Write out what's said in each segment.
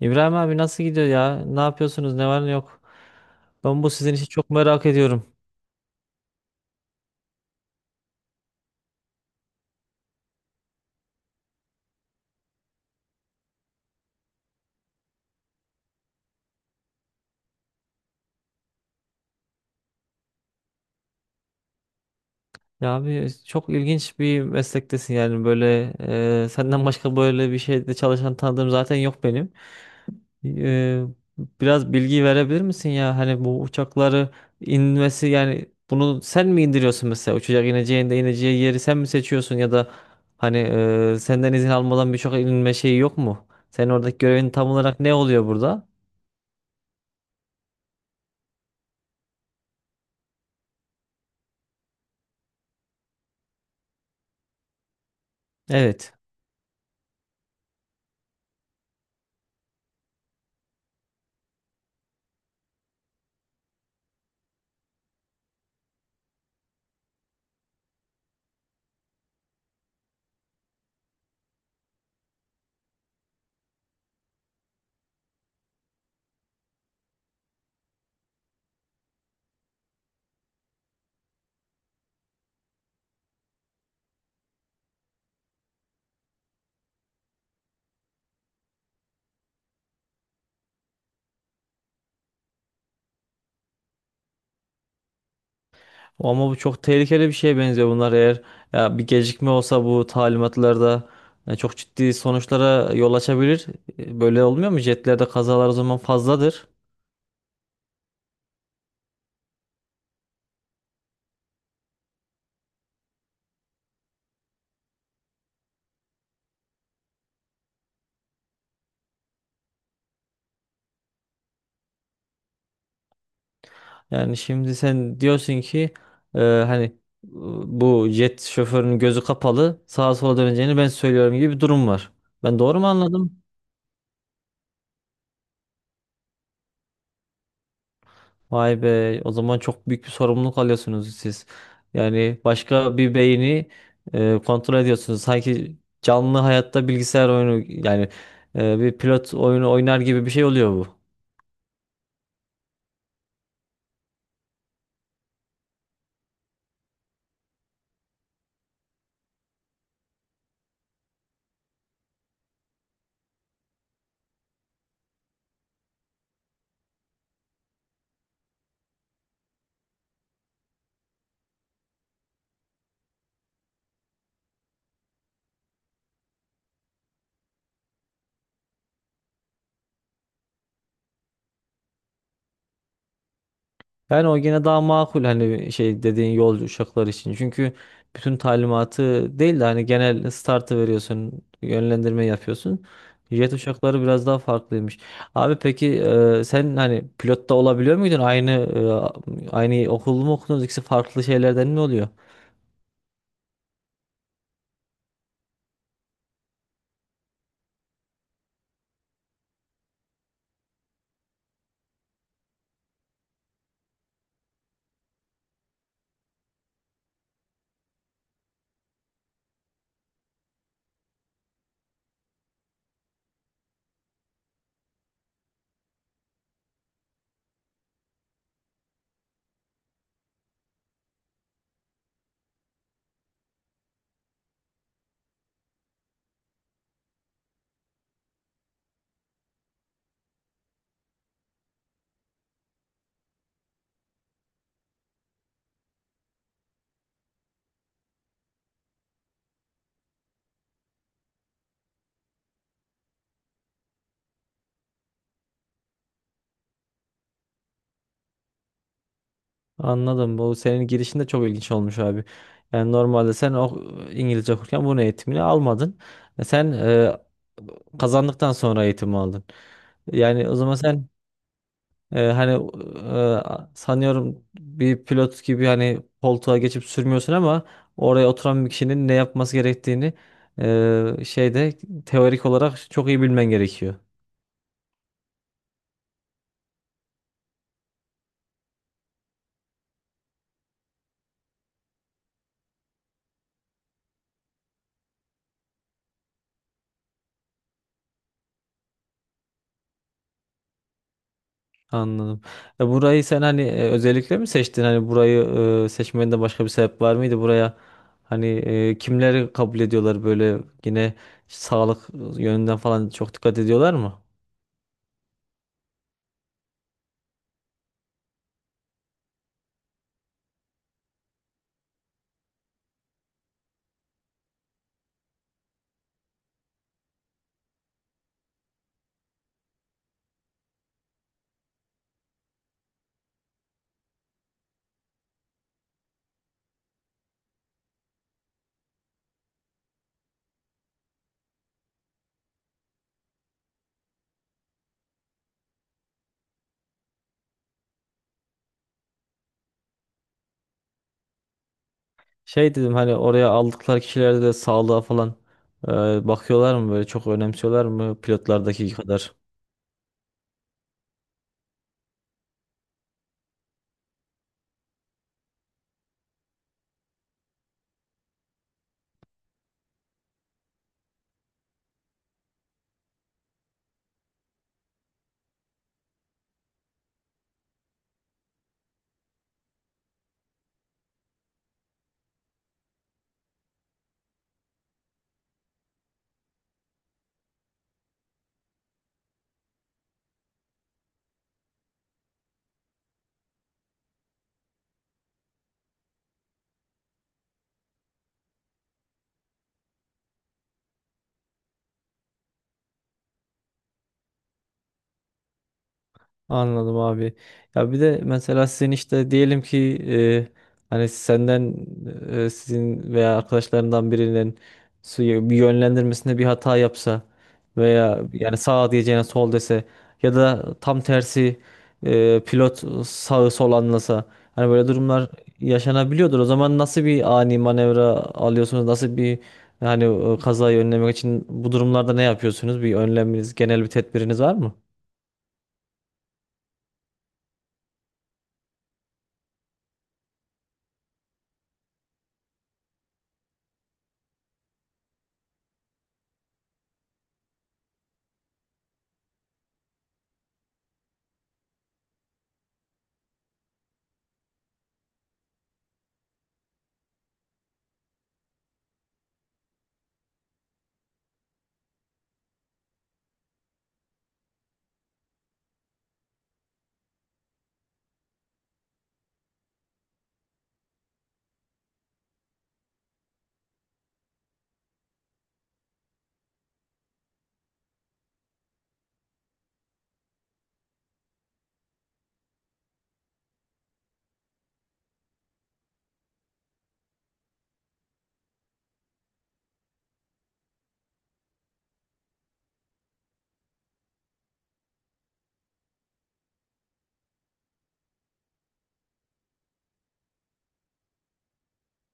İbrahim abi nasıl gidiyor ya? Ne yapıyorsunuz? Ne var ne yok? Ben bu sizin işi çok merak ediyorum. Ya abi çok ilginç bir meslektesin yani böyle senden başka böyle bir şeyde çalışan tanıdığım zaten yok benim. E, Biraz bilgi verebilir misin ya? Hani bu uçakları inmesi yani bunu sen mi indiriyorsun mesela uçacak ineceğinde ineceği yeri sen mi seçiyorsun ya da hani senden izin almadan birçok inme şeyi yok mu? Senin oradaki görevin tam olarak ne oluyor burada? Evet. Ama bu çok tehlikeli bir şeye benziyor, bunlar eğer ya bir gecikme olsa bu talimatlarda çok ciddi sonuçlara yol açabilir. Böyle olmuyor mu? Jetlerde kazalar o zaman fazladır. Yani şimdi sen diyorsun ki e, hani e, bu jet şoförünün gözü kapalı sağa sola döneceğini ben söylüyorum gibi bir durum var. Ben doğru mu anladım? Vay be, o zaman çok büyük bir sorumluluk alıyorsunuz siz. Yani başka bir beyni kontrol ediyorsunuz. Sanki canlı hayatta bilgisayar oyunu yani bir pilot oyunu oynar gibi bir şey oluyor bu. Yani o gene daha makul hani şey dediğin yolcu uçaklar için. Çünkü bütün talimatı değil de hani genel startı veriyorsun, yönlendirme yapıyorsun. Jet uçakları biraz daha farklıymış. Abi peki sen hani pilotta olabiliyor muydun? Aynı okul mu okudunuz? İkisi farklı şeylerden mi oluyor? Anladım. Bu senin girişin de çok ilginç olmuş abi. Yani normalde sen o İngilizce okurken bunun eğitimini almadın. Sen kazandıktan sonra eğitimi aldın. Yani o zaman sen Ee, hani sanıyorum bir pilot gibi hani koltuğa geçip sürmüyorsun ama oraya oturan bir kişinin ne yapması gerektiğini e, şeyde teorik olarak çok iyi bilmen gerekiyor. Anladım. Burayı sen hani özellikle mi seçtin? Hani burayı seçmende başka bir sebep var mıydı? Buraya hani kimleri kabul ediyorlar böyle yine sağlık yönünden falan çok dikkat ediyorlar mı? Şey dedim hani oraya aldıkları kişilerde de sağlığa falan e, bakıyorlar mı böyle çok önemsiyorlar mı pilotlardaki kadar? Anladım abi. Ya bir de mesela sizin işte diyelim ki e, hani senden sizin veya arkadaşlarından birinin suyu bir yönlendirmesinde bir hata yapsa veya yani sağ diyeceğine sol dese ya da tam tersi pilot sağı sol anlasa hani böyle durumlar yaşanabiliyordur. O zaman nasıl bir ani manevra alıyorsunuz? Nasıl bir hani kazayı önlemek için bu durumlarda ne yapıyorsunuz? Bir önleminiz, genel bir tedbiriniz var mı?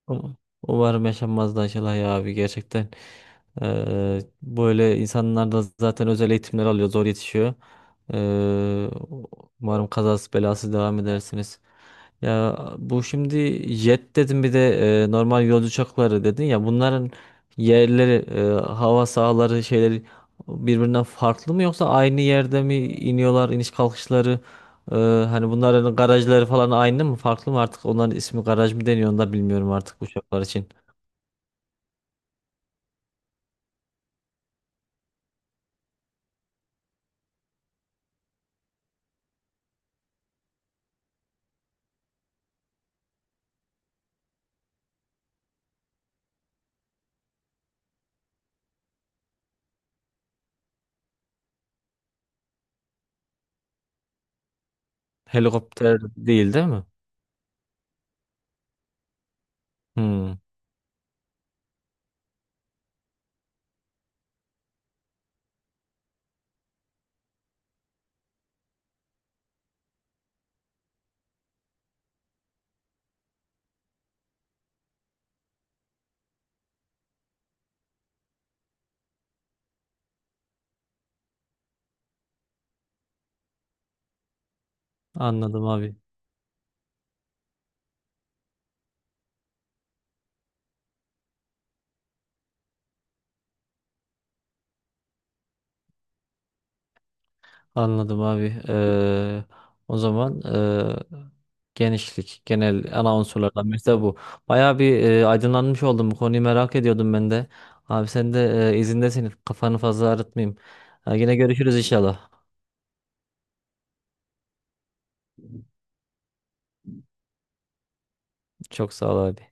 Um- Umarım yaşanmaz da Aşılay ya abi gerçekten. Böyle insanlar da zaten özel eğitimler alıyor, zor yetişiyor. Eee, Umarım kazası belasız devam edersiniz. Ya bu şimdi jet dedim, bir de normal yolcu uçakları dedin ya, bunların yerleri hava sahaları şeyleri birbirinden farklı mı yoksa aynı yerde mi iniyorlar iniş kalkışları? Ee, Hani bunların garajları falan aynı mı farklı mı, artık onların ismi garaj mı deniyor onu da bilmiyorum artık uçaklar için. Helikopter değil değil mi? Hmm, anladım abi. Anladım abi. O zaman genişlik genel ana unsurlardan birisi de bu. Bayağı bir aydınlanmış oldum, bu konuyu merak ediyordum ben de. Abi sen de izindesin, kafanı fazla ağrıtmayayım. Ha, yine görüşürüz inşallah. Çok sağ ol abi.